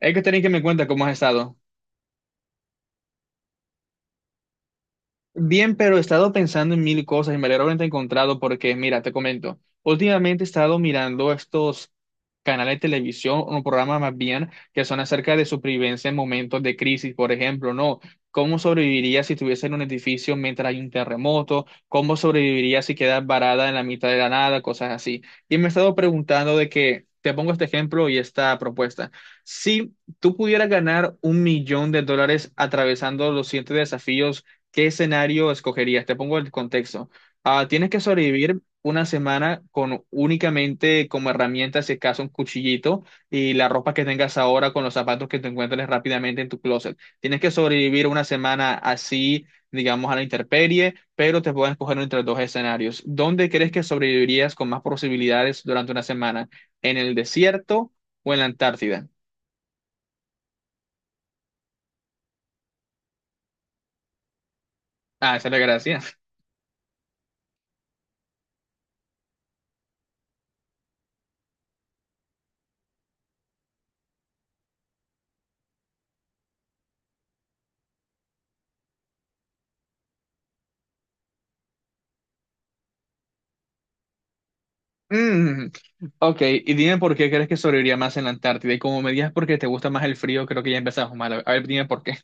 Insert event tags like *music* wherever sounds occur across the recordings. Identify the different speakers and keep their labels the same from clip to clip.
Speaker 1: Hay que tener que me cuenta cómo has estado. Bien, pero he estado pensando en mil cosas y me alegro de haberte encontrado porque, mira, te comento, últimamente he estado mirando estos canales de televisión, o programas más bien, que son acerca de supervivencia en momentos de crisis, por ejemplo, ¿no? ¿Cómo sobrevivirías si estuviese en un edificio mientras hay un terremoto? ¿Cómo sobrevivirías si quedas varada en la mitad de la nada? Cosas así. Y me he estado preguntando de que, te pongo este ejemplo y esta propuesta. Si tú pudieras ganar un millón de dólares atravesando los siete desafíos, ¿qué escenario escogerías? Te pongo el contexto. Ah, tienes que sobrevivir una semana con únicamente como herramienta, si acaso, un cuchillito y la ropa que tengas ahora con los zapatos que te encuentres rápidamente en tu closet. Tienes que sobrevivir una semana así, digamos, a la intemperie, pero te pueden escoger entre dos escenarios. ¿Dónde crees que sobrevivirías con más posibilidades durante una semana? ¿En el desierto o en la Antártida? Ah, esa es la gracia. *laughs* Ok, y dime por qué crees que sobreviviría más en la Antártida. Y como me digas porque te gusta más el frío, creo que ya empezamos mal. A ver, dime por qué.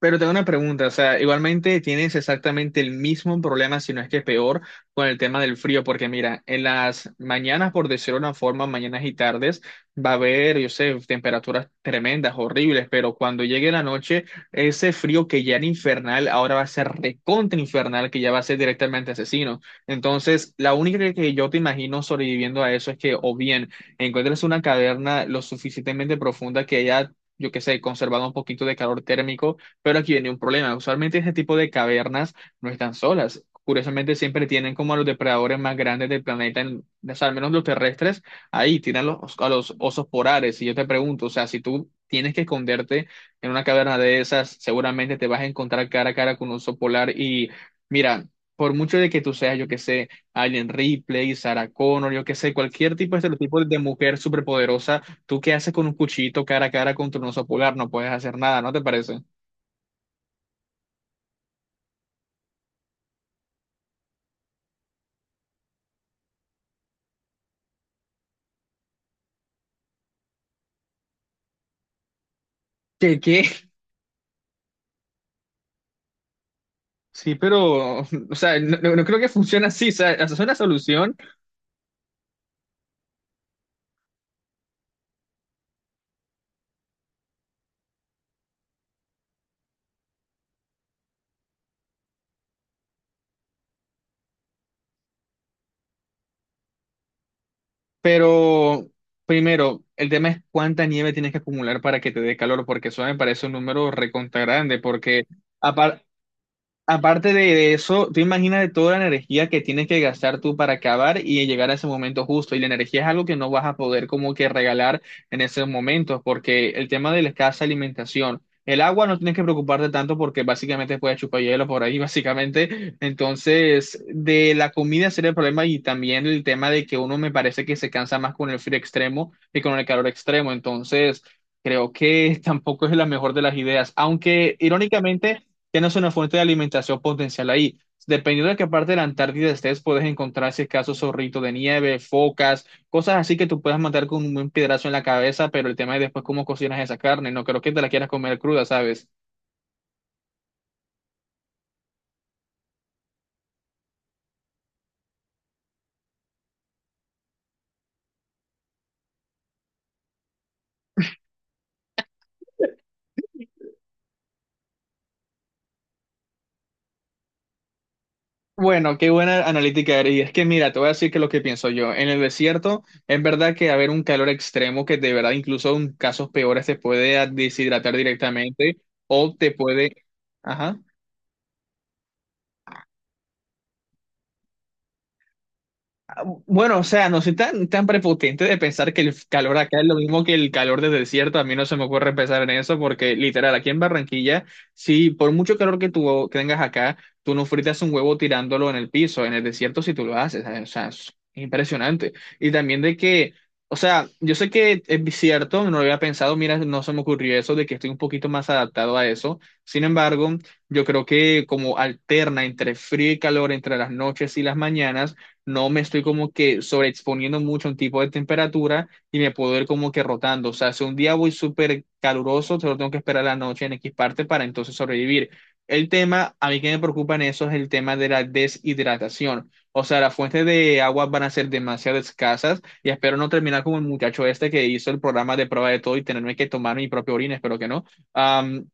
Speaker 1: Pero tengo una pregunta, o sea, igualmente tienes exactamente el mismo problema, si no es que peor, con el tema del frío, porque mira, en las mañanas, por decirlo de una forma, mañanas y tardes, va a haber, yo sé, temperaturas tremendas, horribles, pero cuando llegue la noche, ese frío que ya era infernal, ahora va a ser recontra infernal, que ya va a ser directamente asesino. Entonces, la única que yo te imagino sobreviviendo a eso es que o bien encuentres una caverna lo suficientemente profunda que haya, yo qué sé, conservado un poquito de calor térmico, pero aquí viene un problema. Usualmente ese tipo de cavernas no están solas. Curiosamente siempre tienen como a los depredadores más grandes del planeta, o sea, al menos los terrestres, ahí tienen a los osos polares. Y yo te pregunto, o sea, si tú tienes que esconderte en una caverna de esas, seguramente te vas a encontrar cara a cara con un oso polar. Y mira, por mucho de que tú seas, yo que sé, Alien Ripley, Sarah Connor, yo que sé, cualquier tipo de estereotipo de mujer superpoderosa, ¿tú qué haces con un cuchillito cara a cara contra un oso polar? No puedes hacer nada, ¿no te parece? ¿Qué, qué? Sí, pero, o sea, no, no creo que funcione así, o sea, esa es una solución, pero primero, el tema es cuánta nieve tienes que acumular para que te dé calor, porque eso me parece un número recontra grande, porque apar- aparte de eso, tú imaginas toda la energía que tienes que gastar tú para acabar y llegar a ese momento justo. Y la energía es algo que no vas a poder como que regalar en esos momentos, porque el tema de la escasa alimentación, el agua no tienes que preocuparte tanto porque básicamente puedes chupar hielo por ahí, *laughs* básicamente. Entonces, de la comida sería el problema y también el tema de que uno me parece que se cansa más con el frío extremo que con el calor extremo. Entonces, creo que *laughs* tampoco es la mejor de las ideas, aunque irónicamente tienes una fuente de alimentación potencial ahí. Dependiendo de qué parte de la Antártida estés, puedes encontrar si es caso zorrito de nieve, focas, cosas así que tú puedas matar con un buen piedrazo en la cabeza, pero el tema es después cómo cocinas esa carne. No creo que te la quieras comer cruda, ¿sabes? Bueno, qué buena analítica, Ari. Es que mira, te voy a decir que lo que pienso yo. En el desierto, es verdad que haber un calor extremo que de verdad incluso en casos peores te puede deshidratar directamente o te puede... Ajá. Ah, bueno, o sea, no soy tan, tan prepotente de pensar que el calor acá es lo mismo que el calor del desierto. A mí no se me ocurre pensar en eso porque, literal, aquí en Barranquilla, si por mucho calor que tú tengas acá, tú no fritas un huevo tirándolo en el piso. En el desierto, si tú lo haces, ¿sabes? O sea, es impresionante. Y también de que, o sea, yo sé que es cierto, no lo había pensado, mira, no se me ocurrió eso, de que estoy un poquito más adaptado a eso. Sin embargo, yo creo que como alterna entre frío y calor, entre las noches y las mañanas, no me estoy como que sobreexponiendo mucho a un tipo de temperatura y me puedo ir como que rotando. O sea, si un día voy súper caluroso, solo tengo que esperar la noche en X parte para entonces sobrevivir. El tema, a mí que me preocupa en eso es el tema de la deshidratación. O sea, las fuentes de agua van a ser demasiado escasas y espero no terminar como el muchacho este que hizo el programa de prueba de todo y tenerme que tomar mi propia orina, espero que no. Am,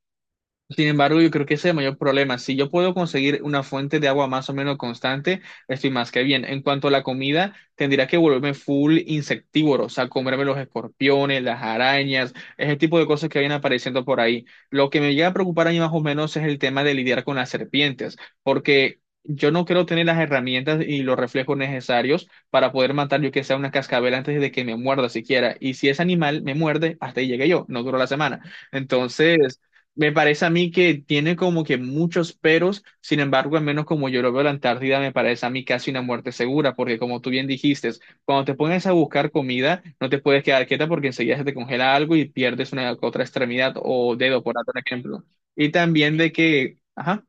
Speaker 1: Sin embargo, yo creo que ese es el mayor problema. Si yo puedo conseguir una fuente de agua más o menos constante, estoy más que bien. En cuanto a la comida, tendría que volverme full insectívoro, o sea, comerme los escorpiones, las arañas, ese tipo de cosas que vienen apareciendo por ahí. Lo que me llega a preocupar a mí más o menos es el tema de lidiar con las serpientes, porque yo no creo tener las herramientas y los reflejos necesarios para poder matar yo que sea una cascabel antes de que me muerda siquiera. Y si ese animal me muerde, hasta ahí llegué yo, no duró la semana. Entonces, me parece a mí que tiene como que muchos peros, sin embargo, al menos como yo lo veo, la Antártida me parece a mí casi una muerte segura, porque como tú bien dijiste, cuando te pones a buscar comida, no te puedes quedar quieta porque enseguida se te congela algo y pierdes una otra extremidad o dedo, por otro ejemplo. Y también de que, ajá,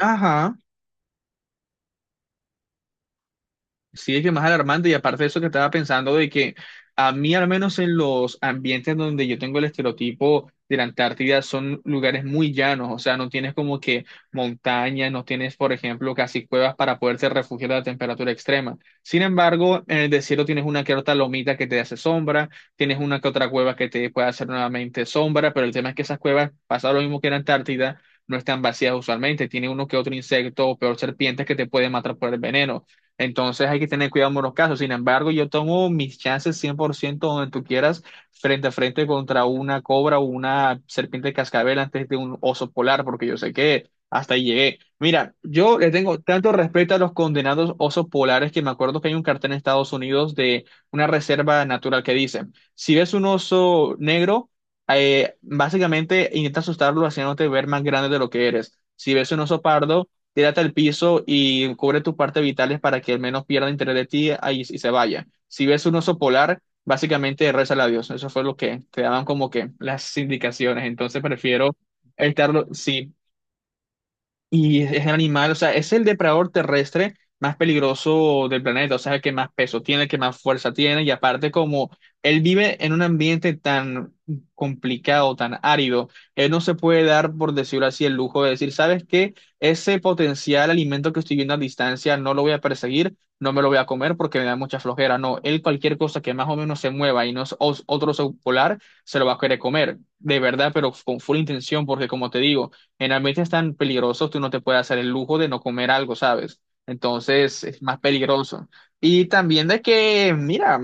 Speaker 1: ajá. Sí, es que más alarmante y aparte de eso que estaba pensando de que a mí al menos en los ambientes donde yo tengo el estereotipo de la Antártida son lugares muy llanos, o sea, no tienes como que montañas, no tienes, por ejemplo, casi cuevas para poderte refugiar de la temperatura extrema. Sin embargo, en el desierto tienes una que otra lomita que te hace sombra, tienes una que otra cueva que te puede hacer nuevamente sombra, pero el tema es que esas cuevas, pasa lo mismo que en la Antártida, no están vacías usualmente, tiene uno que otro insecto o peor serpientes que te pueden matar por el veneno. Entonces hay que tener cuidado en los casos. Sin embargo, yo tomo mis chances 100% donde tú quieras, frente a frente contra una cobra o una serpiente de cascabel antes de un oso polar, porque yo sé que hasta ahí llegué. Mira, yo le tengo tanto respeto a los condenados osos polares que me acuerdo que hay un cartel en Estados Unidos de una reserva natural que dice, si ves un oso negro, básicamente intenta asustarlo haciéndote ver más grande de lo que eres. Si ves un oso pardo, tírate al piso y cubre tus partes vitales para que al menos pierda interés de ti ahí y se vaya. Si ves un oso polar, básicamente rézale a Dios. Eso fue lo que te daban como que las indicaciones. Entonces prefiero estarlo, sí, y es el animal, o sea, es el depredador terrestre más peligroso del planeta, o sea, el que más peso tiene, el que más fuerza tiene, y aparte como él vive en un ambiente tan complicado, tan árido, él no se puede dar, por decirlo así, el lujo de decir, ¿sabes qué? Ese potencial alimento que estoy viendo a distancia no lo voy a perseguir, no me lo voy a comer porque me da mucha flojera, no, él cualquier cosa que más o menos se mueva y no es otro oso polar, se lo va a querer comer, de verdad, pero con full intención, porque como te digo, en ambientes tan peligrosos, tú no te puedes hacer el lujo de no comer algo, ¿sabes? Entonces, es más peligroso. Y también de que, mira,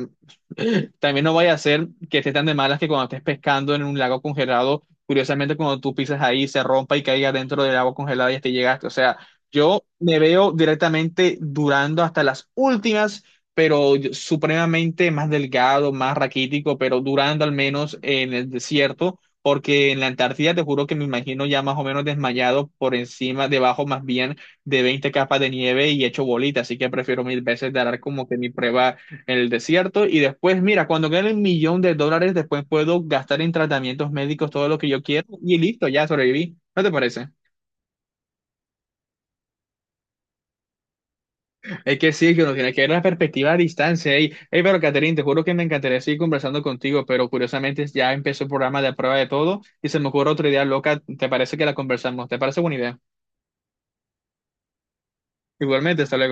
Speaker 1: también no vaya a ser que estés tan de malas que cuando estés pescando en un lago congelado, curiosamente cuando tú pisas ahí se rompa y caiga dentro del agua congelada y hasta ahí llegaste. O sea, yo me veo directamente durando hasta las últimas, pero supremamente más delgado, más raquítico, pero durando al menos en el desierto. Porque en la Antártida te juro que me imagino ya más o menos desmayado por encima, debajo más bien de 20 capas de nieve y hecho bolita, así que prefiero mil veces dar como que mi prueba en el desierto y después, mira, cuando gane el millón de dólares, después puedo gastar en tratamientos médicos todo lo que yo quiero y listo, ya sobreviví. ¿No te parece? Es que sí, que uno tiene que ver la perspectiva a distancia. Ey, Ey, pero Catherine, te juro que me encantaría seguir conversando contigo, pero curiosamente ya empezó el programa de prueba de todo y se me ocurre otra idea loca. ¿Te parece que la conversamos? ¿Te parece buena idea? Igualmente, hasta luego.